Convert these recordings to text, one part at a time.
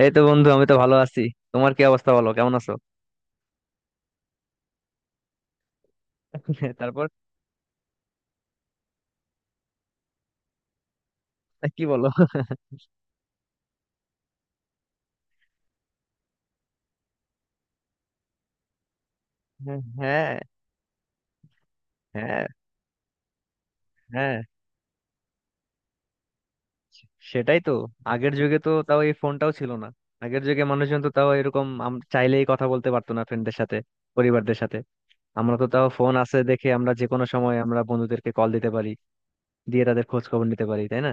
এই তো বন্ধু, আমি তো ভালো আছি। তোমার কি অবস্থা, বলো কেমন আছো? তারপর? কি বলো? হ্যাঁ, হ্যাঁ, হ্যাঁ, সেটাই তো। আগের যুগে তো তাও এই ফোনটাও ছিল না। আগের যুগে মানুষজন তো তাও এরকম চাইলেই কথা বলতে পারতো না ফ্রেন্ডদের সাথে, পরিবারদের সাথে। আমরা তো তাও ফোন আছে দেখে আমরা যে কোনো সময় আমরা বন্ধুদেরকে কল দিতে পারি, দিয়ে তাদের খোঁজ খবর নিতে পারি, তাই না?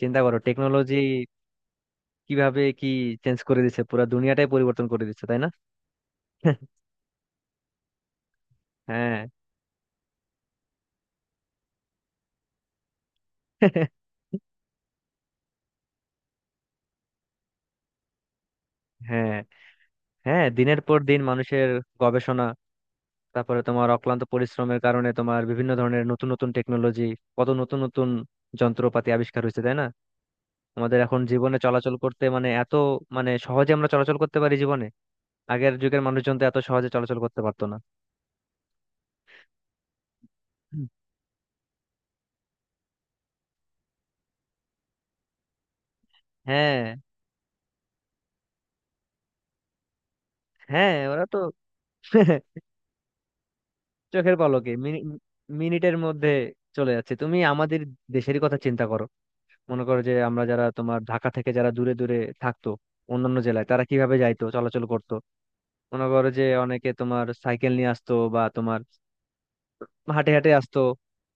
চিন্তা করো টেকনোলজি কিভাবে কি চেঞ্জ করে দিচ্ছে, পুরো দুনিয়াটাই পরিবর্তন করে দিচ্ছে, তাই না? হ্যাঁ। হ্যাঁ, হ্যাঁ, দিনের পর দিন মানুষের গবেষণা, তারপরে তোমার অক্লান্ত পরিশ্রমের কারণে তোমার বিভিন্ন ধরনের নতুন নতুন টেকনোলজি, কত নতুন নতুন যন্ত্রপাতি আবিষ্কার হয়েছে, তাই না? আমাদের এখন জীবনে চলাচল করতে মানে এত মানে সহজে আমরা চলাচল করতে পারি জীবনে। আগের যুগের মানুষজন তো এত সহজে চলাচল করতে পারতো না। হুম। হ্যাঁ, হ্যাঁ, ওরা তো। চোখের পলকে মিনিটের মধ্যে চলে যাচ্ছে। তুমি আমাদের দেশেরই কথা চিন্তা করো। মনে করো যে আমরা যারা তোমার ঢাকা থেকে যারা দূরে দূরে থাকতো অন্যান্য জেলায়, তারা কিভাবে যাইতো, চলাচল করতো? মনে করো যে অনেকে তোমার সাইকেল নিয়ে আসতো বা তোমার হাঁটে হাঁটে আসতো,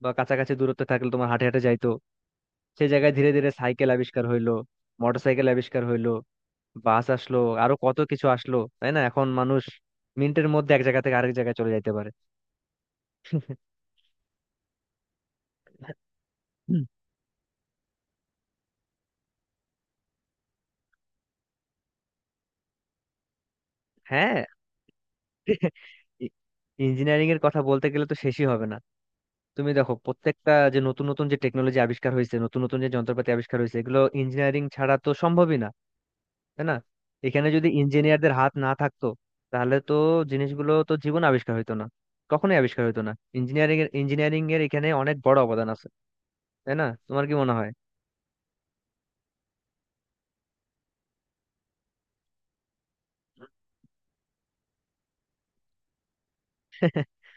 বা কাছাকাছি দূরত্বে থাকলে তোমার হাঁটে হাঁটে যাইতো। সেই জায়গায় ধীরে ধীরে সাইকেল আবিষ্কার হইলো, মোটর সাইকেল আবিষ্কার হইলো, বাস আসলো, আরো কত কিছু আসলো, তাই না? এখন মানুষ মিনিটের মধ্যে এক জায়গা থেকে আরেক জায়গায় চলে যাইতে পারে। হুম। হ্যাঁ। ইঞ্জিনিয়ারিং এর কথা বলতে গেলে তো শেষই হবে না। তুমি দেখো প্রত্যেকটা যে নতুন নতুন যে টেকনোলজি আবিষ্কার হয়েছে, নতুন নতুন যে যন্ত্রপাতি আবিষ্কার হয়েছে, এগুলো ইঞ্জিনিয়ারিং ছাড়া তো সম্ভবই না, তাই না? এখানে যদি ইঞ্জিনিয়ারদের হাত না থাকতো, তাহলে তো জিনিসগুলো তো জীবন আবিষ্কার হইতো না, কখনোই আবিষ্কার হইতো না। ইঞ্জিনিয়ারিং এর এখানে অনেক বড় অবদান আছে, তাই না? তোমার কি মনে হয়?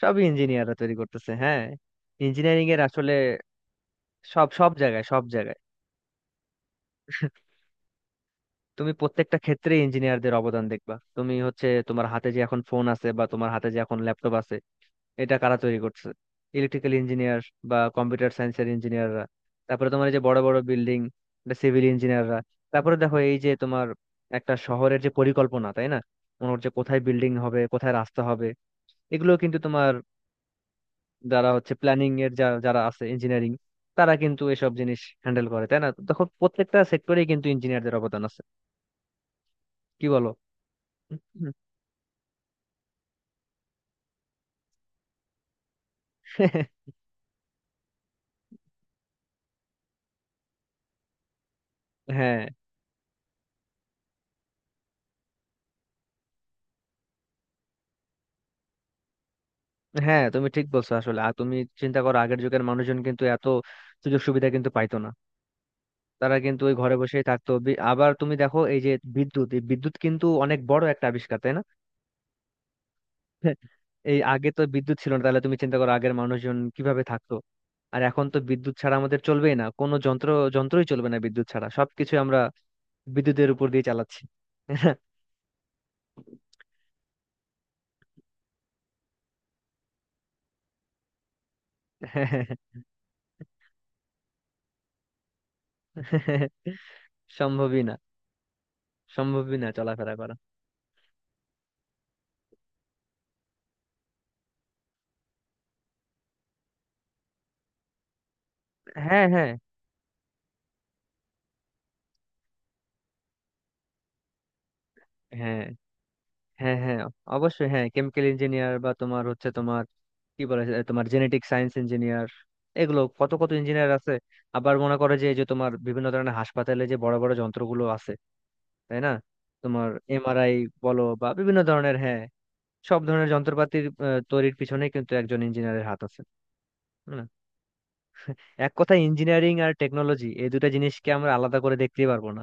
সবই ইঞ্জিনিয়াররা তৈরি করতেছে, হ্যাঁ। ইঞ্জিনিয়ারিং এর আসলে সব সব জায়গায় সব জায়গায়, তুমি প্রত্যেকটা ক্ষেত্রে ইঞ্জিনিয়ারদের অবদান দেখবা। তুমি হচ্ছে তোমার হাতে যে এখন ফোন আছে বা তোমার হাতে যে এখন ল্যাপটপ আছে, এটা কারা তৈরি করছে? ইলেকট্রিক্যাল ইঞ্জিনিয়ার বা কম্পিউটার সায়েন্সের ইঞ্জিনিয়াররা। তারপরে তোমার এই যে বড় বড় বিল্ডিং, এটা সিভিল ইঞ্জিনিয়াররা। তারপরে দেখো এই যে তোমার একটা শহরের যে পরিকল্পনা, তাই না? মনে হচ্ছে কোথায় বিল্ডিং হবে, কোথায় রাস্তা হবে, এগুলো কিন্তু তোমার যারা হচ্ছে প্ল্যানিং এর যারা আছে ইঞ্জিনিয়ারিং, তারা কিন্তু এসব জিনিস হ্যান্ডেল করে, তাই না? তখন প্রত্যেকটা সেক্টরেই কিন্তু ইঞ্জিনিয়ারদের অবদান আছে, কি বলো? হ্যাঁ, হ্যাঁ, তুমি ঠিক বলছো আসলে। আর তুমি চিন্তা করো আগের যুগের মানুষজন কিন্তু এত সুযোগ সুবিধা কিন্তু পাইতো না। তারা কিন্তু ওই ঘরে বসেই থাকতো। আবার তুমি দেখো এই যে বিদ্যুৎ, এই বিদ্যুৎ কিন্তু অনেক বড় একটা আবিষ্কার, তাই না? এই আগে তো বিদ্যুৎ ছিল না, তাহলে তুমি চিন্তা করো আগের মানুষজন কিভাবে থাকতো? আর এখন তো বিদ্যুৎ ছাড়া আমাদের চলবেই না। কোনো যন্ত্র, যন্ত্রই চলবে না বিদ্যুৎ ছাড়া। সবকিছু আমরা বিদ্যুতের উপর দিয়ে চালাচ্ছি। সম্ভবই না, সম্ভবই না চলাফেরা করা। হ্যাঁ, হ্যাঁ, হ্যাঁ, হ্যাঁ, হ্যাঁ, অবশ্যই হ্যাঁ। কেমিক্যাল ইঞ্জিনিয়ার বা তোমার হচ্ছে তোমার কি বলে, তোমার জেনেটিক সায়েন্স ইঞ্জিনিয়ার, এগুলো কত কত ইঞ্জিনিয়ার আছে। আবার মনে করে যে এই যে তোমার বিভিন্ন ধরনের হাসপাতালে যে বড় বড় যন্ত্রগুলো আছে, তাই না? তোমার এমআরআই বলো বা বিভিন্ন ধরনের, হ্যাঁ, সব ধরনের যন্ত্রপাতির তৈরির পিছনে কিন্তু একজন ইঞ্জিনিয়ারের হাত আছে। হুম। এক কথা, ইঞ্জিনিয়ারিং আর টেকনোলজি এই দুটো জিনিসকে আমরা আলাদা করে দেখতেই পারবো না।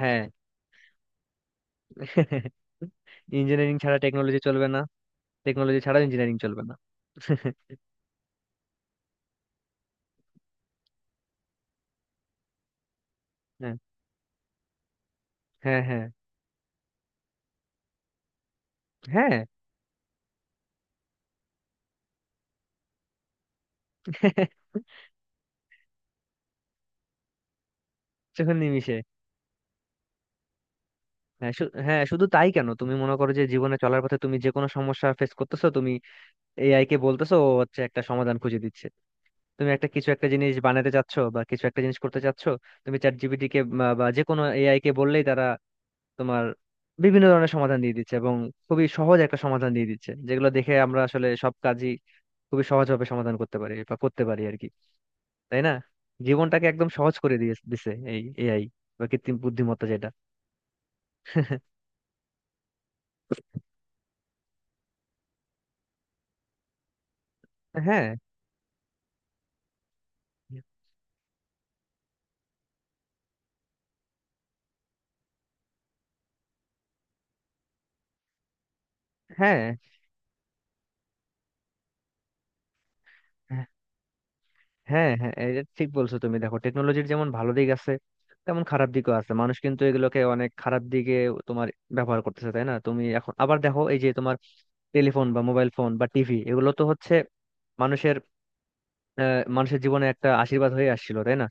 হ্যাঁ। ইঞ্জিনিয়ারিং ছাড়া টেকনোলজি চলবে না, টেকনোলজি ছাড়া ইঞ্জিনিয়ারিং চলবে না। হ্যাঁ, হ্যাঁ, হ্যাঁ, হ্যাঁ, চোখের নিমিষে। হ্যাঁ হ্যাঁ, শুধু তাই কেন, তুমি মনে করো যে জীবনে চলার পথে তুমি যে কোনো সমস্যা ফেস করতেছো, তুমি এআই কে বলতেছো, ও হচ্ছে একটা সমাধান খুঁজে দিচ্ছে। তুমি একটা কিছু একটা জিনিস বানাতে চাচ্ছ বা কিছু একটা জিনিস করতে চাচ্ছ, তুমি চ্যাট জিপিটি কে বা বা যে কোনো এআই কে বললেই তারা তোমার বিভিন্ন ধরনের সমাধান দিয়ে দিচ্ছে, এবং খুবই সহজ একটা সমাধান দিয়ে দিচ্ছে যেগুলো দেখে আমরা আসলে সব কাজই খুবই সহজভাবে সমাধান করতে পারি বা করতে পারি আর কি, তাই না? জীবনটাকে একদম সহজ করে দিয়ে দিছে এই এআই বা কৃত্রিম বুদ্ধিমত্তা যেটা। হ্যাঁ, হ্যাঁ, হ্যাঁ, হ্যাঁ, এটা ঠিক বলছো। তুমি দেখো টেকনোলজির যেমন ভালো দিক আছে, তেমন খারাপ দিকও আছে। মানুষ কিন্তু এগুলোকে অনেক খারাপ দিকে তোমার ব্যবহার করতেছে, তাই না? তুমি এখন আবার দেখো এই যে তোমার টেলিফোন বা মোবাইল ফোন বা টিভি, এগুলো তো হচ্ছে মানুষের, মানুষের জীবনে একটা আশীর্বাদ হয়ে আসছিল, তাই না?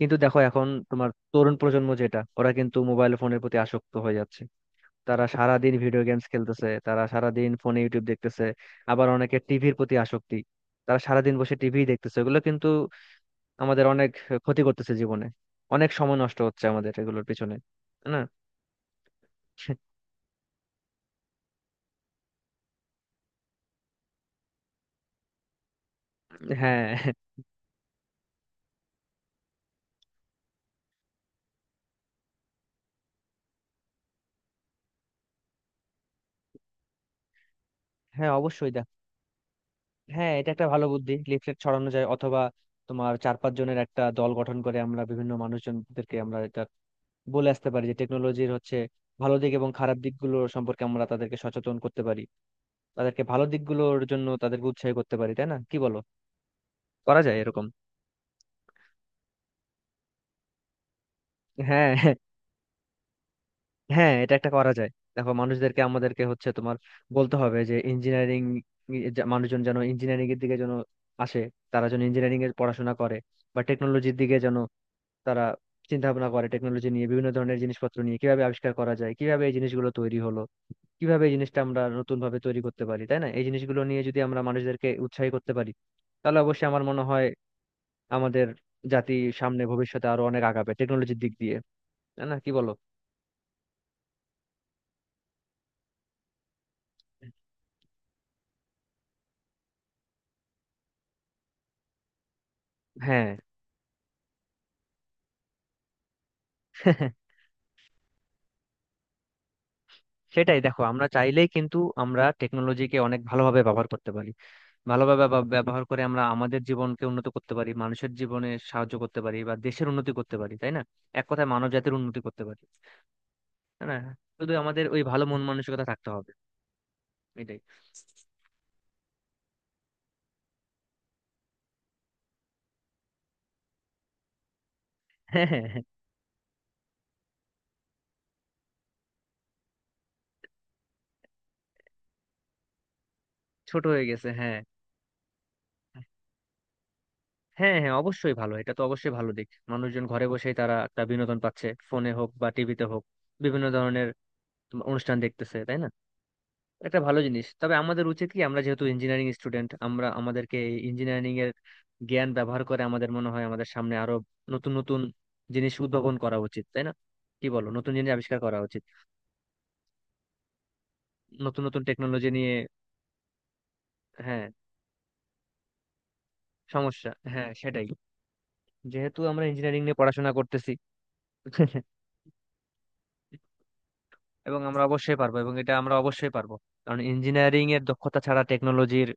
কিন্তু দেখো এখন তোমার তরুণ প্রজন্ম যেটা, ওরা কিন্তু মোবাইল ফোনের প্রতি আসক্ত হয়ে যাচ্ছে। তারা সারাদিন ভিডিও গেমস খেলতেছে, তারা সারাদিন ফোনে ইউটিউব দেখতেছে। আবার অনেকে টিভির প্রতি আসক্তি, তারা সারাদিন বসে টিভি দেখতেছে। এগুলো কিন্তু আমাদের অনেক ক্ষতি করতেছে জীবনে। অনেক সময় নষ্ট হচ্ছে আমাদের এগুলোর পিছনে, তাই না? হ্যাঁ, হ্যাঁ, অবশ্যই। দেখ, হ্যাঁ, এটা একটা ভালো বুদ্ধি, লিফলেট ছড়ানো যায়, অথবা তোমার চার পাঁচ জনের একটা দল গঠন করে আমরা বিভিন্ন মানুষজনদেরকে আমরা এটা বলে আসতে পারি যে টেকনোলজির হচ্ছে ভালো দিক এবং খারাপ দিকগুলো সম্পর্কে আমরা তাদেরকে সচেতন করতে পারি, তাদেরকে ভালো দিকগুলোর জন্য তাদেরকে উৎসাহী করতে পারি, তাই না, কি বলো? করা যায় এরকম। হ্যাঁ। হ্যাঁ, হ্যাঁ, এটা একটা করা যায়। দেখো মানুষদেরকে আমাদেরকে হচ্ছে তোমার বলতে হবে যে ইঞ্জিনিয়ারিং, মানুষজন যেন ইঞ্জিনিয়ারিং এর দিকে যেন আসে, তারা যেন ইঞ্জিনিয়ারিং এর পড়াশোনা করে বা টেকনোলজির দিকে যেন তারা চিন্তা ভাবনা করে টেকনোলজি নিয়ে, বিভিন্ন ধরনের জিনিসপত্র নিয়ে কিভাবে আবিষ্কার করা যায়, কিভাবে এই জিনিসগুলো তৈরি হলো, কিভাবে এই জিনিসটা আমরা নতুন ভাবে তৈরি করতে পারি, তাই না? এই জিনিসগুলো নিয়ে যদি আমরা মানুষদেরকে উৎসাহী করতে পারি, তাহলে অবশ্যই আমার মনে হয় আমাদের জাতি সামনে ভবিষ্যতে আরো অনেক আগাবে টেকনোলজির দিক দিয়ে, তাই না, কি বলো? হ্যাঁ। সেটাই, দেখো আমরা চাইলেই কিন্তু আমরা টেকনোলজিকে অনেক ভালোভাবে ব্যবহার করতে পারি। ভালোভাবে ব্যবহার করে আমরা আমাদের জীবনকে উন্নত করতে পারি, মানুষের জীবনে সাহায্য করতে পারি বা দেশের উন্নতি করতে পারি, তাই না? এক কথায় মানব জাতির উন্নতি করতে পারি, তাই না? শুধু আমাদের ওই ভালো মন মানসিকতা থাকতে হবে। এটাই। হ্যাঁ, হ্যাঁ, হ্যাঁ, ছোট হয়ে গেছে, হ্যাঁ। হ্যাঁ, হ্যাঁ, অবশ্যই ভালো, এটা তো অবশ্যই ভালো দিক। মানুষজন ঘরে বসেই তারা একটা বিনোদন পাচ্ছে, ফোনে হোক বা টিভিতে হোক, বিভিন্ন ধরনের তোমার অনুষ্ঠান দেখতেছে, তাই না? একটা ভালো জিনিস। তবে আমাদের উচিত কি, আমরা যেহেতু ইঞ্জিনিয়ারিং স্টুডেন্ট, আমরা আমাদেরকে এই ইঞ্জিনিয়ারিং এর জ্ঞান ব্যবহার করে আমাদের মনে হয় আমাদের সামনে আরো নতুন নতুন জিনিস উদ্ভাবন করা উচিত, তাই না কি বলো, নতুন জিনিস আবিষ্কার করা উচিত, নতুন নতুন টেকনোলজি নিয়ে। হ্যাঁ, সমস্যা, হ্যাঁ সেটাই, যেহেতু আমরা ইঞ্জিনিয়ারিং নিয়ে পড়াশোনা করতেছি। এবং আমরা অবশ্যই পারবো, এবং এটা আমরা অবশ্যই পারবো। কারণ ইঞ্জিনিয়ারিং এর দক্ষতা ছাড়া টেকনোলজির,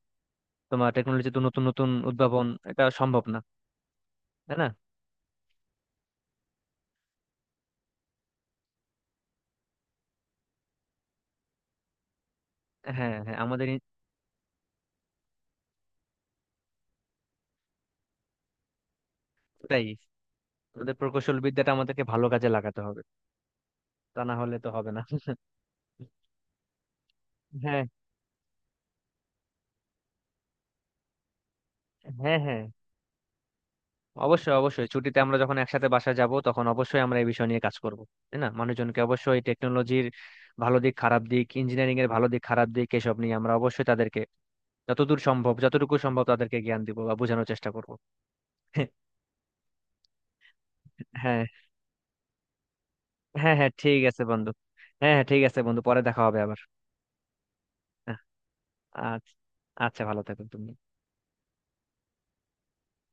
তোমার টেকনোলজি তো নতুন নতুন উদ্ভাবন, এটা সম্ভব না, তাই না? হ্যাঁ, হ্যাঁ, আমাদের তাই আমাদের প্রকৌশল বিদ্যাটা আমাদেরকে ভালো কাজে লাগাতে হবে, তা না হলে তো হবে না। হ্যাঁ, হ্যাঁ, হ্যাঁ, অবশ্যই, অবশ্যই ছুটিতে আমরা যখন একসাথে বাসায় যাব তখন অবশ্যই আমরা এই বিষয় নিয়ে কাজ করব, তাই না? মানুষজনকে অবশ্যই টেকনোলজির ভালো দিক খারাপ দিক, ইঞ্জিনিয়ারিং এর ভালো দিক খারাপ দিক, এসব নিয়ে আমরা অবশ্যই তাদেরকে যতদূর সম্ভব, যতটুকু সম্ভব তাদেরকে জ্ঞান দিব বা বোঝানোর চেষ্টা করব। হ্যাঁ, হ্যাঁ, হ্যাঁ, ঠিক আছে বন্ধু। হ্যাঁ, হ্যাঁ, ঠিক আছে বন্ধু, পরে দেখা হবে আবার। হ্যাঁ, আচ্ছা। আচ্ছা, ভালো থাকো তুমি।